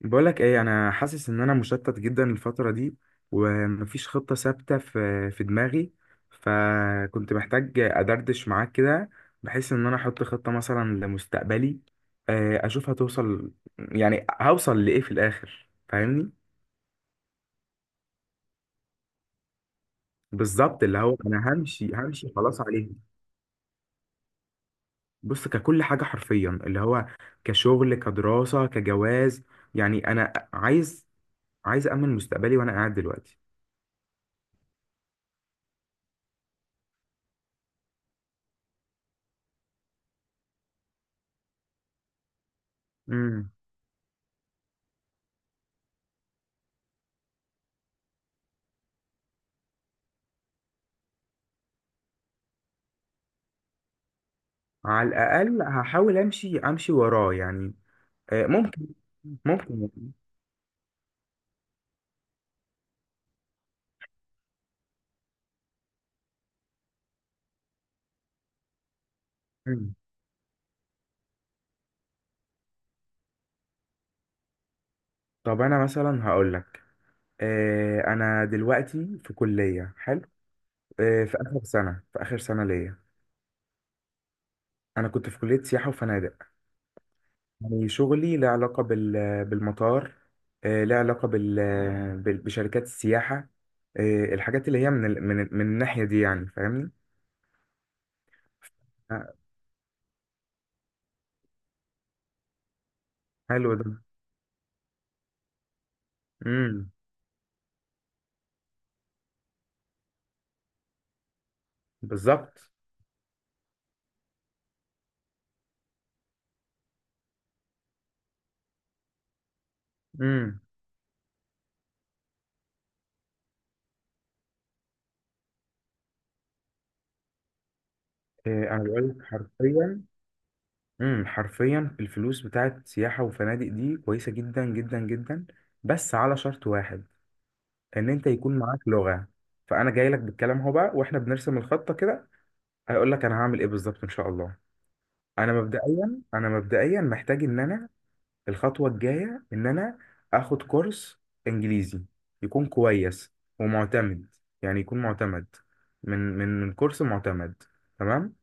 بقولك ايه، انا حاسس ان انا مشتت جدا الفترة دي. ومفيش خطة ثابتة في دماغي. فكنت محتاج ادردش معاك كده، بحيث ان انا احط خطة مثلا لمستقبلي. اشوف هتوصل، يعني هوصل لايه في الاخر، فاهمني؟ بالظبط، اللي هو انا همشي همشي خلاص عليه. بص، ككل حاجة حرفيا، اللي هو كشغل، كدراسة، كجواز. يعني انا عايز امن مستقبلي وانا قاعد دلوقتي. على الأقل هحاول أمشي أمشي وراه يعني. ممكن. ممكن يعني. مم. طب أنا مثلا هقول لك. أنا دلوقتي في كلية، حلو. في آخر سنة ليا. أنا كنت في كلية سياحة وفنادق. يعني شغلي له علاقة بالمطار. له علاقة بشركات السياحة. الحاجات اللي هي من الناحية دي، يعني فاهمني. آه، حلو ده. امم بالظبط. امم. إيه، انا بقول لك حرفيا. حرفيا الفلوس بتاعت سياحة وفنادق دي كويسة جدا جدا جدا، بس على شرط واحد، ان انت يكون معاك لغة. فانا جاي لك بالكلام اهو بقى واحنا بنرسم الخطة كده، هيقول لك انا هعمل ايه بالظبط ان شاء الله. انا مبدئيا محتاج ان انا، الخطوة الجاية ان انا اخد كورس انجليزي يكون كويس ومعتمد. يعني يكون معتمد، من كورس معتمد، تمام.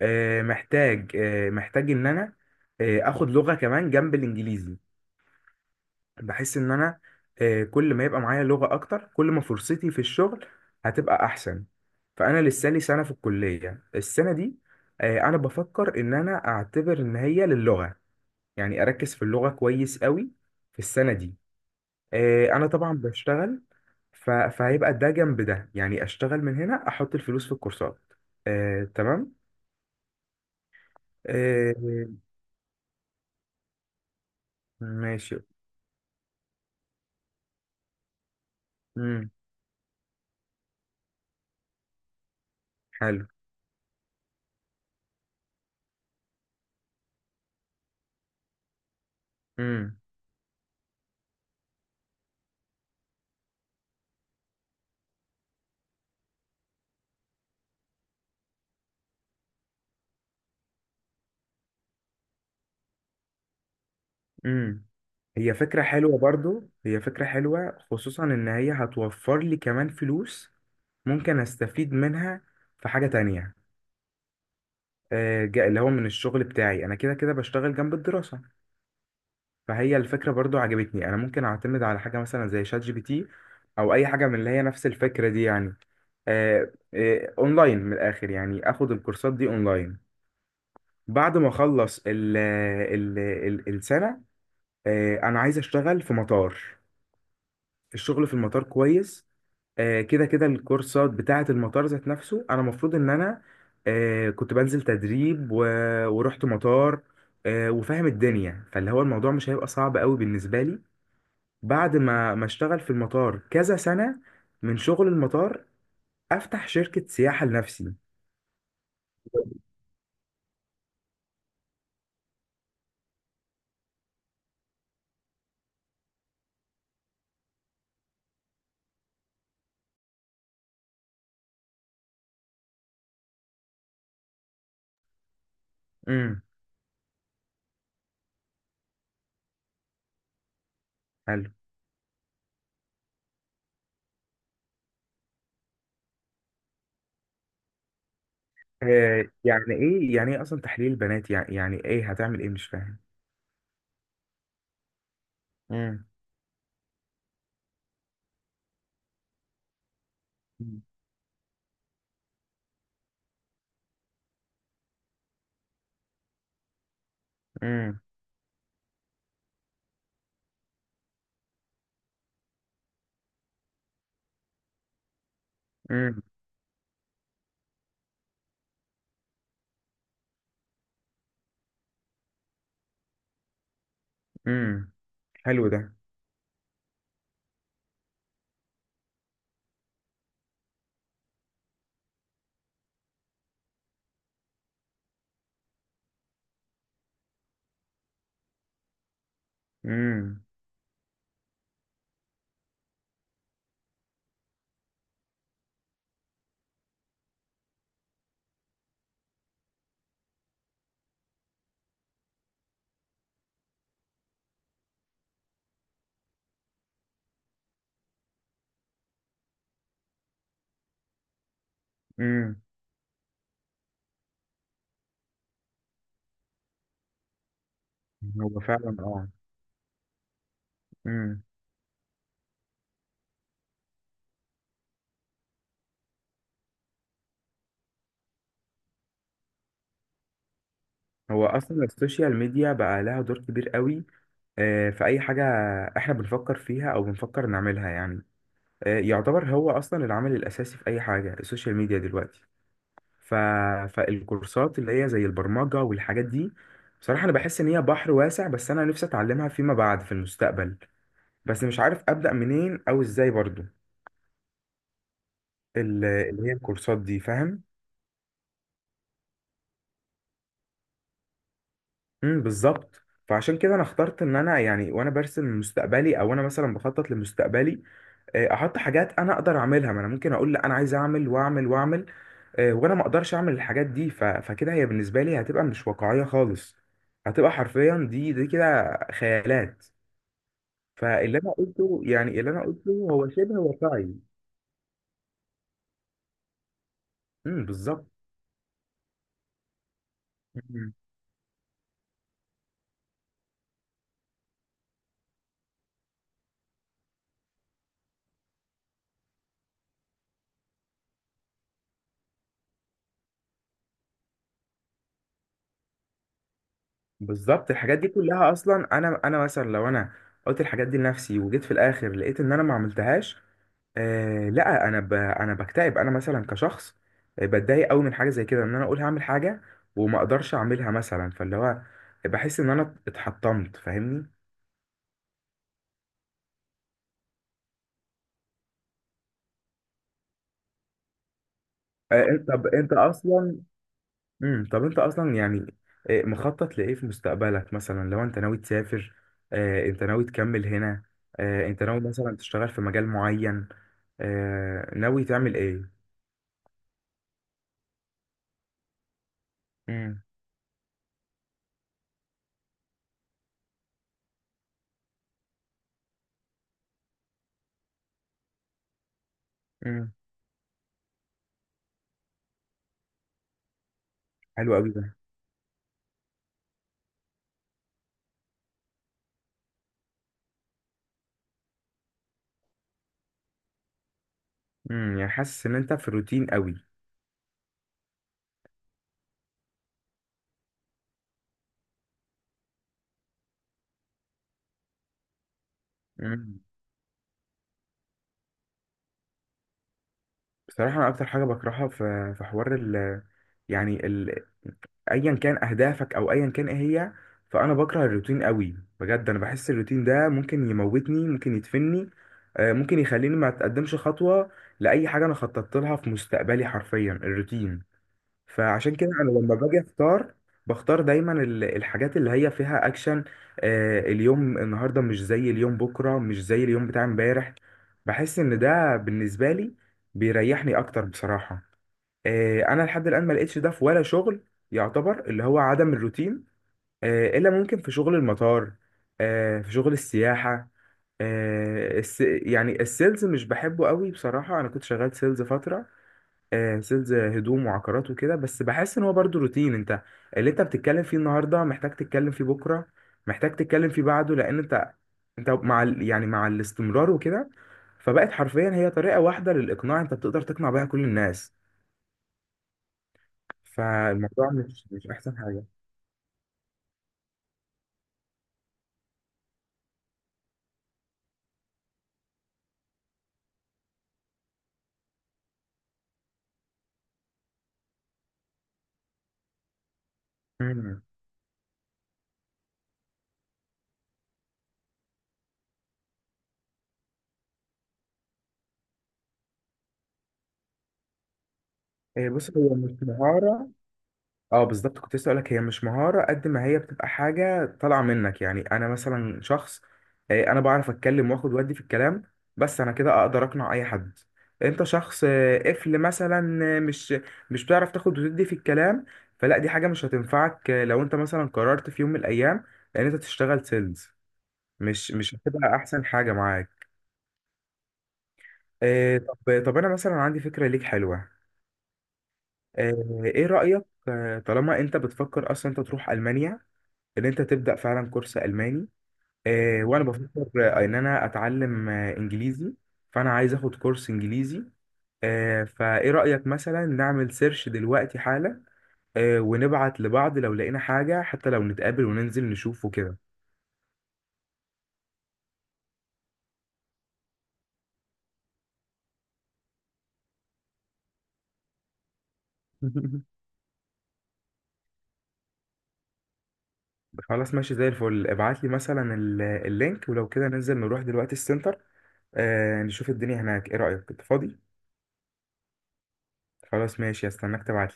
محتاج ان انا اخد لغة كمان جنب الانجليزي. بحس ان انا كل ما يبقى معايا لغة اكتر، كل ما فرصتي في الشغل هتبقى احسن. فانا لسه لي سنة في الكلية السنة دي. انا بفكر ان انا اعتبر ان هي للغة، يعني اركز في اللغة كويس قوي في السنة دي. انا طبعا بشتغل، فهيبقى ده جنب ده، يعني اشتغل من هنا، احط الفلوس في الكورسات. تمام. آه، ماشي. مم. حلو. امم. امم هي فكرة حلوة برضو، هي فكرة حلوة، خصوصا ان هي هتوفر لي كمان فلوس. ممكن استفيد منها في حاجة تانية. اللي هو من الشغل بتاعي، انا كده كده بشتغل جنب الدراسة. فهي الفكرة برضو عجبتني، انا ممكن اعتمد على حاجة مثلا زي شات جي بي تي، او اي حاجة من اللي هي نفس الفكرة دي يعني. اونلاين، من الاخر يعني اخد الكورسات دي اونلاين. بعد ما اخلص ال السنة، انا عايز اشتغل في مطار. الشغل في المطار كويس. كده كده الكورسات بتاعة المطار ذات نفسه، أنا المفروض إن أنا كنت بنزل تدريب ورحت مطار. وفاهم الدنيا، فاللي هو الموضوع مش هيبقى صعب قوي بالنسبة لي. بعد ما اشتغل في المطار كذا سنة، من شغل المطار، أفتح شركة سياحة لنفسي. امم. حلو. يعني إيه أصلا تحليل البنات، يعني إيه هتعمل إيه، مش فاهم. امم. امم. امم. امم. حلو ده. امم. امم. هو فعلا اه. امم. هو اصلا السوشيال ميديا بقى لها دور كبير قوي في اي حاجه احنا بنفكر فيها او بنفكر نعملها يعني. يعتبر هو اصلا العامل الاساسي في اي حاجه السوشيال ميديا دلوقتي. ف... فالكورسات اللي هي زي البرمجه والحاجات دي، بصراحه انا بحس ان هي بحر واسع، بس انا نفسي اتعلمها فيما بعد في المستقبل. بس مش عارف ابدا منين او ازاي برضو اللي هي الكورسات دي، فاهم. امم، بالظبط. فعشان كده انا اخترت ان انا يعني، وانا برسم مستقبلي او انا مثلا بخطط لمستقبلي، احط حاجات انا اقدر اعملها، ما انا ممكن اقول لا انا عايز اعمل واعمل واعمل وانا ما اقدرش اعمل الحاجات دي. فكده هي بالنسبه لي هتبقى مش واقعيه خالص، هتبقى حرفيا دي كده خيالات. فاللي انا قلته يعني اللي انا قلته هو شبه واقعي. امم، بالظبط. مم. بالظبط، الحاجات دي كلها اصلا انا مثلا لو انا قلت الحاجات دي لنفسي وجيت في الاخر لقيت ان انا ما عملتهاش، لا، انا بكتئب. انا مثلا كشخص بتضايق قوي من حاجه زي كده، ان انا اقول هعمل حاجه وما اقدرش اعملها مثلا، فاللي هو بحس ان انا اتحطمت، فاهمني. آه انت طب انت اصلا طب انت اصلا يعني مخطط لايه في مستقبلك؟ مثلا لو انت ناوي تسافر، انت ناوي تكمل هنا، انت ناوي مثلا تشتغل في مجال معين، ناوي تعمل ايه؟ امم. امم. حلو قوي ده. امم. يعني حاسس ان انت في روتين قوي. بصراحة أنا أكتر حاجة بكرهها في حوار ال يعني ال أيا كان أهدافك، أو أيا كان إيه هي. فأنا بكره الروتين قوي بجد، أنا بحس الروتين ده ممكن يموتني، ممكن يدفني، ممكن يخليني ما أتقدمش خطوة لأي حاجة أنا خططت لها في مستقبلي، حرفيا الروتين. فعشان كده انا لما باجي اختار، بختار دايما الحاجات اللي هي فيها اكشن. اليوم النهارده مش زي اليوم بكره، مش زي اليوم بتاع امبارح. بحس ان ده بالنسبه لي بيريحني اكتر بصراحه. انا لحد الان ما لقيتش ده في ولا شغل، يعتبر اللي هو عدم الروتين، الا ممكن في شغل المطار، في شغل السياحه. آه الس يعني السيلز مش بحبه قوي بصراحه، انا كنت شغال سيلز فتره، سيلز هدوم وعقارات وكده. بس بحس ان هو برضو روتين، انت اللي انت بتتكلم فيه النهارده محتاج تتكلم فيه بكره، محتاج تتكلم فيه بعده، لان انت مع يعني مع الاستمرار وكده، فبقت حرفيا هي طريقه واحده للاقناع، انت بتقدر تقنع بيها كل الناس. فالموضوع مش احسن حاجه. مم. بص، هو مش مهاره. اه، بالظبط، كنت لسه اقولك هي مش مهارة قد ما هي بتبقى حاجة طالعة منك. يعني انا مثلا شخص، انا بعرف اتكلم واخد ودي في الكلام، بس انا كده اقدر اقنع اي حد. انت شخص قفل مثلا، مش بتعرف تاخد وتدي في الكلام، فلا دي حاجة مش هتنفعك. لو انت مثلا قررت في يوم من الايام ان انت تشتغل سيلز، مش هتبقى احسن حاجة معاك. طب انا مثلا عندي فكرة ليك حلوة. آه، ايه رأيك؟ طالما انت بتفكر اصلا انت تروح المانيا، ان انت تبدا فعلا كورس الماني، وانا بفكر ان انا اتعلم انجليزي، فانا عايز اخد كورس انجليزي. فايه رايك مثلا نعمل سيرش دلوقتي حالا، ونبعت لبعض لو لقينا حاجه، حتى لو نتقابل وننزل نشوفه كده؟ خلاص ماشي زي الفل، ابعت لي مثلا اللينك، ولو كده ننزل نروح دلوقتي السنتر، نشوف الدنيا هناك. ايه رايك، انت فاضي؟ خلاص ماشي، استناك تبعت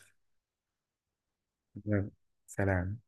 لي. سلام.